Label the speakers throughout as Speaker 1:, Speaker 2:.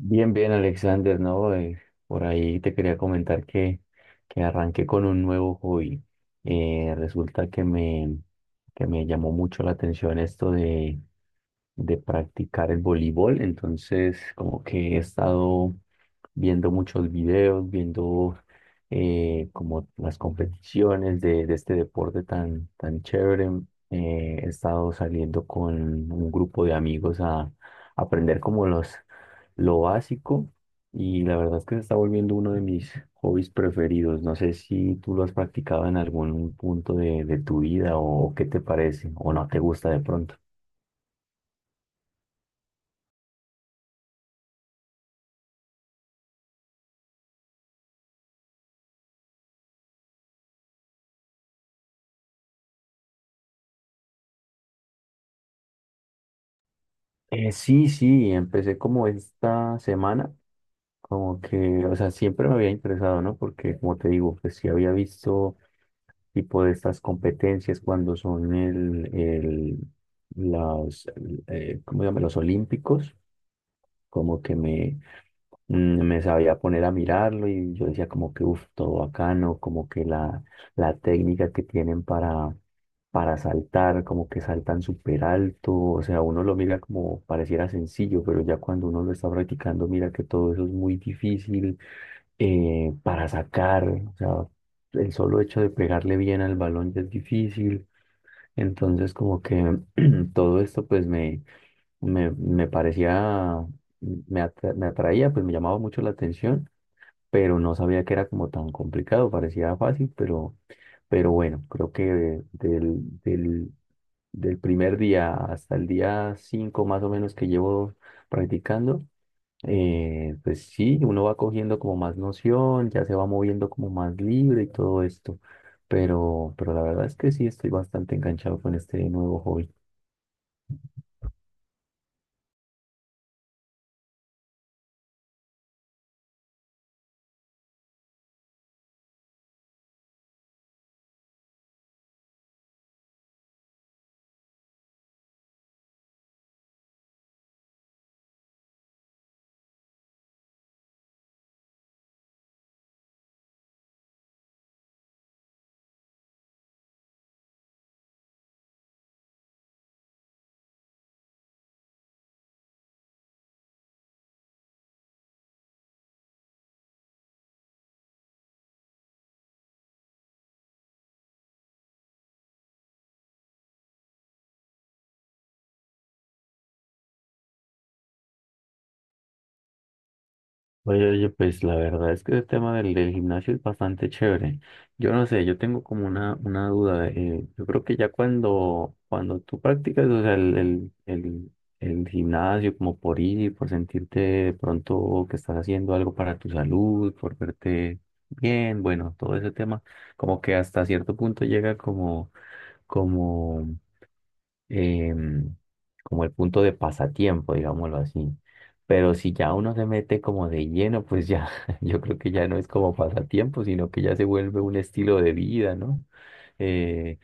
Speaker 1: Bien, bien, Alexander, ¿no? Por ahí te quería comentar que arranqué con un nuevo hobby. Resulta que me llamó mucho la atención esto de practicar el voleibol, entonces como que he estado viendo muchos videos, viendo como las competiciones de este deporte tan chévere. He estado saliendo con un grupo de amigos aprender como lo básico, y la verdad es que se está volviendo uno de mis hobbies preferidos. No sé si tú lo has practicado en algún punto de tu vida, o qué te parece, o no te gusta de pronto. Sí, sí, empecé como esta semana. Como que, o sea, siempre me había interesado, ¿no? Porque, como te digo, pues sí había visto tipo de estas competencias cuando son las, ¿cómo se llama? Los olímpicos. como que me, Me sabía poner a mirarlo y yo decía como que uff, todo bacano, como que la técnica que tienen para saltar, como que saltan súper alto. O sea, uno lo mira como pareciera sencillo, pero ya cuando uno lo está practicando, mira que todo eso es muy difícil, para sacar, o sea, el solo hecho de pegarle bien al balón ya es difícil. Entonces, como que todo esto, me parecía, me atraía, pues me llamaba mucho la atención, pero no sabía que era como tan complicado, parecía fácil, pero bueno, creo que del, del primer día hasta el día 5 más o menos que llevo practicando, pues sí, uno va cogiendo como más noción, ya se va moviendo como más libre y todo esto, pero la verdad es que sí estoy bastante enganchado con este nuevo hobby. Oye, oye, pues la verdad es que el tema del gimnasio es bastante chévere. Yo no sé, yo tengo como una duda. Yo creo que ya cuando tú practicas, o sea, el gimnasio como por ir, por sentirte de pronto que estás haciendo algo para tu salud, por verte bien, bueno, todo ese tema, como que hasta cierto punto llega como, como em, como el punto de pasatiempo, digámoslo así. Pero si ya uno se mete como de lleno, pues ya, yo creo que ya no es como pasatiempo, sino que ya se vuelve un estilo de vida, ¿no? Eh,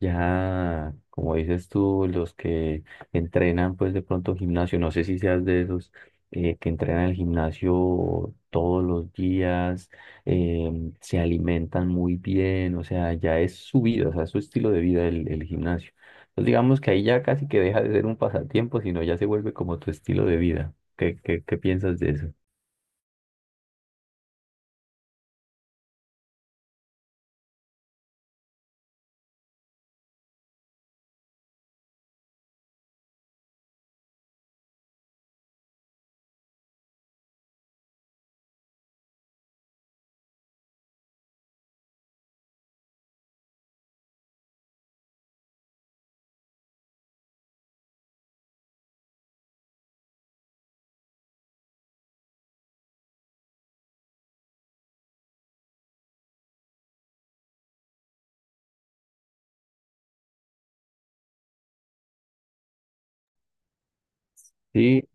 Speaker 1: ya, como dices tú, los que entrenan, pues de pronto gimnasio, no sé si seas de esos, que entrenan el gimnasio todos los días, se alimentan muy bien, o sea, ya es su vida, o sea, es su estilo de vida el gimnasio. Pues digamos que ahí ya casi que deja de ser un pasatiempo, sino ya se vuelve como tu estilo de vida. Qué piensas de eso? Sí,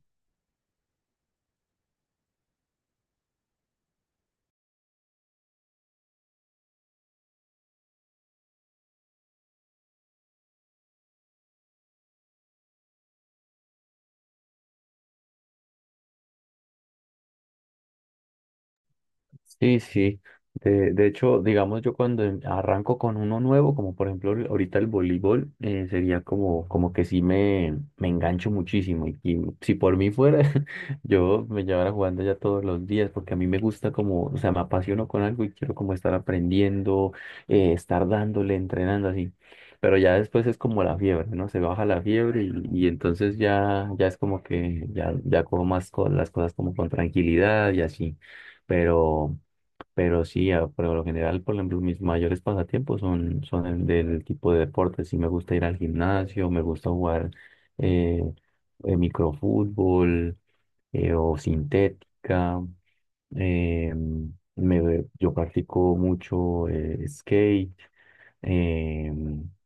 Speaker 1: sí, sí. De hecho, digamos, yo cuando arranco con uno nuevo, como por ejemplo ahorita el voleibol, sería como, como que sí me engancho muchísimo. Y si por mí fuera, yo me llevara jugando ya todos los días, porque a mí me gusta como, o sea, me apasiono con algo y quiero como estar aprendiendo, estar dándole, entrenando así. Pero ya después es como la fiebre, ¿no? Se baja la fiebre y entonces ya, ya es como que ya, ya cojo más las cosas como con tranquilidad y así. Pero... Pero sí, por lo general, por ejemplo, mis mayores pasatiempos son el del tipo de deportes. Sí, me gusta ir al gimnasio, me gusta jugar, eh, microfútbol, o sintética. eh, yo practico mucho skate. eh,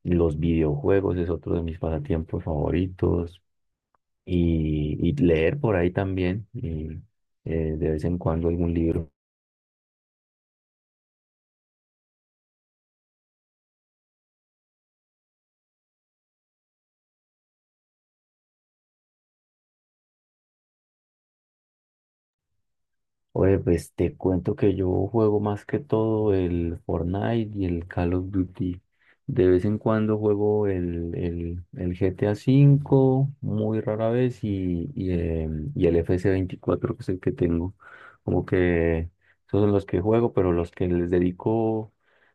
Speaker 1: los videojuegos es otro de mis pasatiempos favoritos. Y leer por ahí también. Y de vez en cuando algún libro. Oye, pues te cuento que yo juego más que todo el Fortnite y el Call of Duty. De vez en cuando juego el GTA V, muy rara vez, y, y el FC24, que es el que tengo. Como que esos son los que juego, pero los que les dedico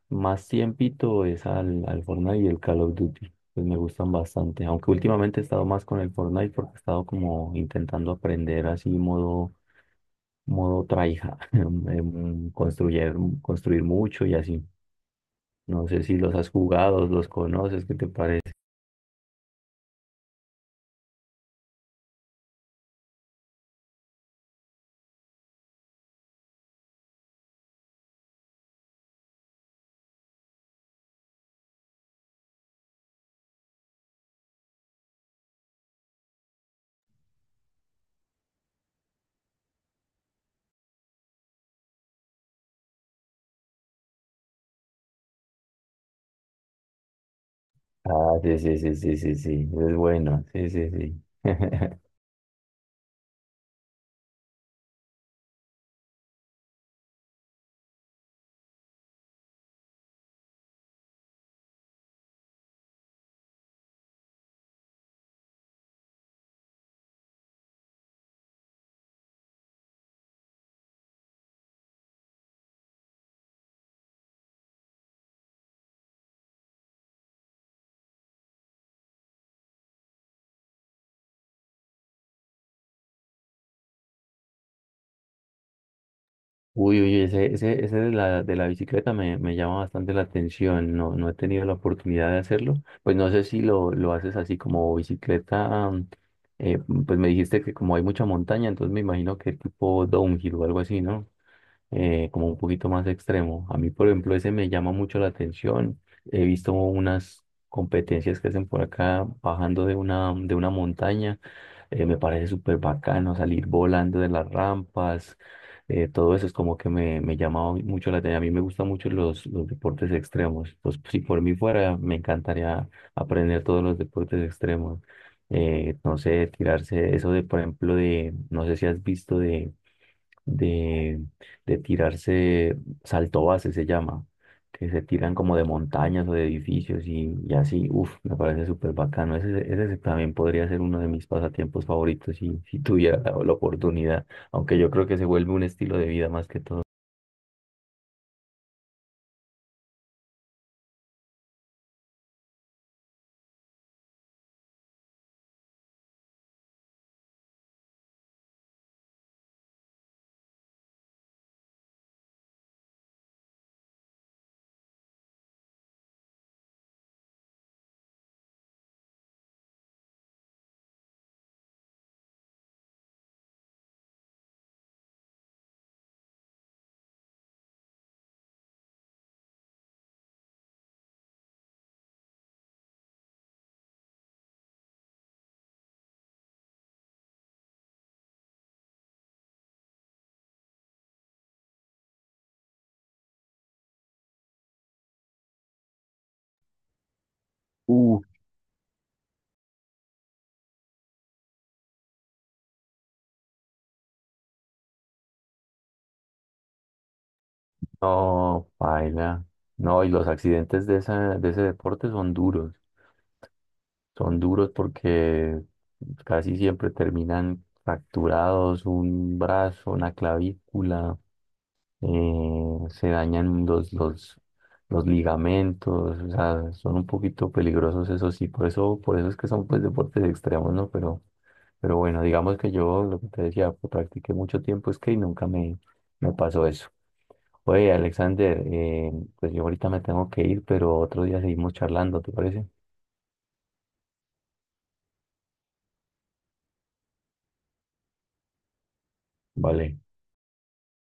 Speaker 1: más tiempito es al Fortnite y el Call of Duty. Pues me gustan bastante, aunque últimamente he estado más con el Fortnite porque he estado como intentando aprender así modo tryhard, construir, construir mucho y así. No sé si los has jugado, los conoces, ¿qué te parece? Ah, sí, sí, sí, sí, sí, sí, es bueno, sí, sí, sí. Uy, uy, ese de la bicicleta me llama bastante la atención. No, no he tenido la oportunidad de hacerlo, pues no sé si lo haces así como bicicleta, eh, pues me dijiste que como hay mucha montaña, entonces me imagino que tipo downhill o algo así, ¿no? Como un poquito más extremo. A mí, por ejemplo, ese me llama mucho la atención. He visto unas competencias que hacen por acá bajando de de una montaña. Me parece súper bacano salir volando de las rampas. Todo eso es como que me llama mucho la atención. A mí me gustan mucho los deportes extremos. Pues si por mí fuera, me encantaría aprender todos los deportes extremos. No sé, tirarse eso de, por ejemplo, de, no sé si has visto de, de tirarse salto base, se llama, que se tiran como de montañas o de edificios y así, uff, me parece súper bacano. Ese también podría ser uno de mis pasatiempos favoritos si, si tuviera la oportunidad, aunque yo creo que se vuelve un estilo de vida más que todo. Uh, no, paila. No, y los accidentes de esa, de ese deporte son duros porque casi siempre terminan fracturados, un brazo, una clavícula. Se dañan los ligamentos. O sea, son un poquito peligrosos, eso sí, por eso es que son pues deportes extremos, ¿no? Pero bueno, digamos que yo lo que te decía, pues, practiqué mucho tiempo es que y nunca me pasó eso. Oye, Alexander, pues yo ahorita me tengo que ir, pero otro día seguimos charlando, ¿te parece? Vale.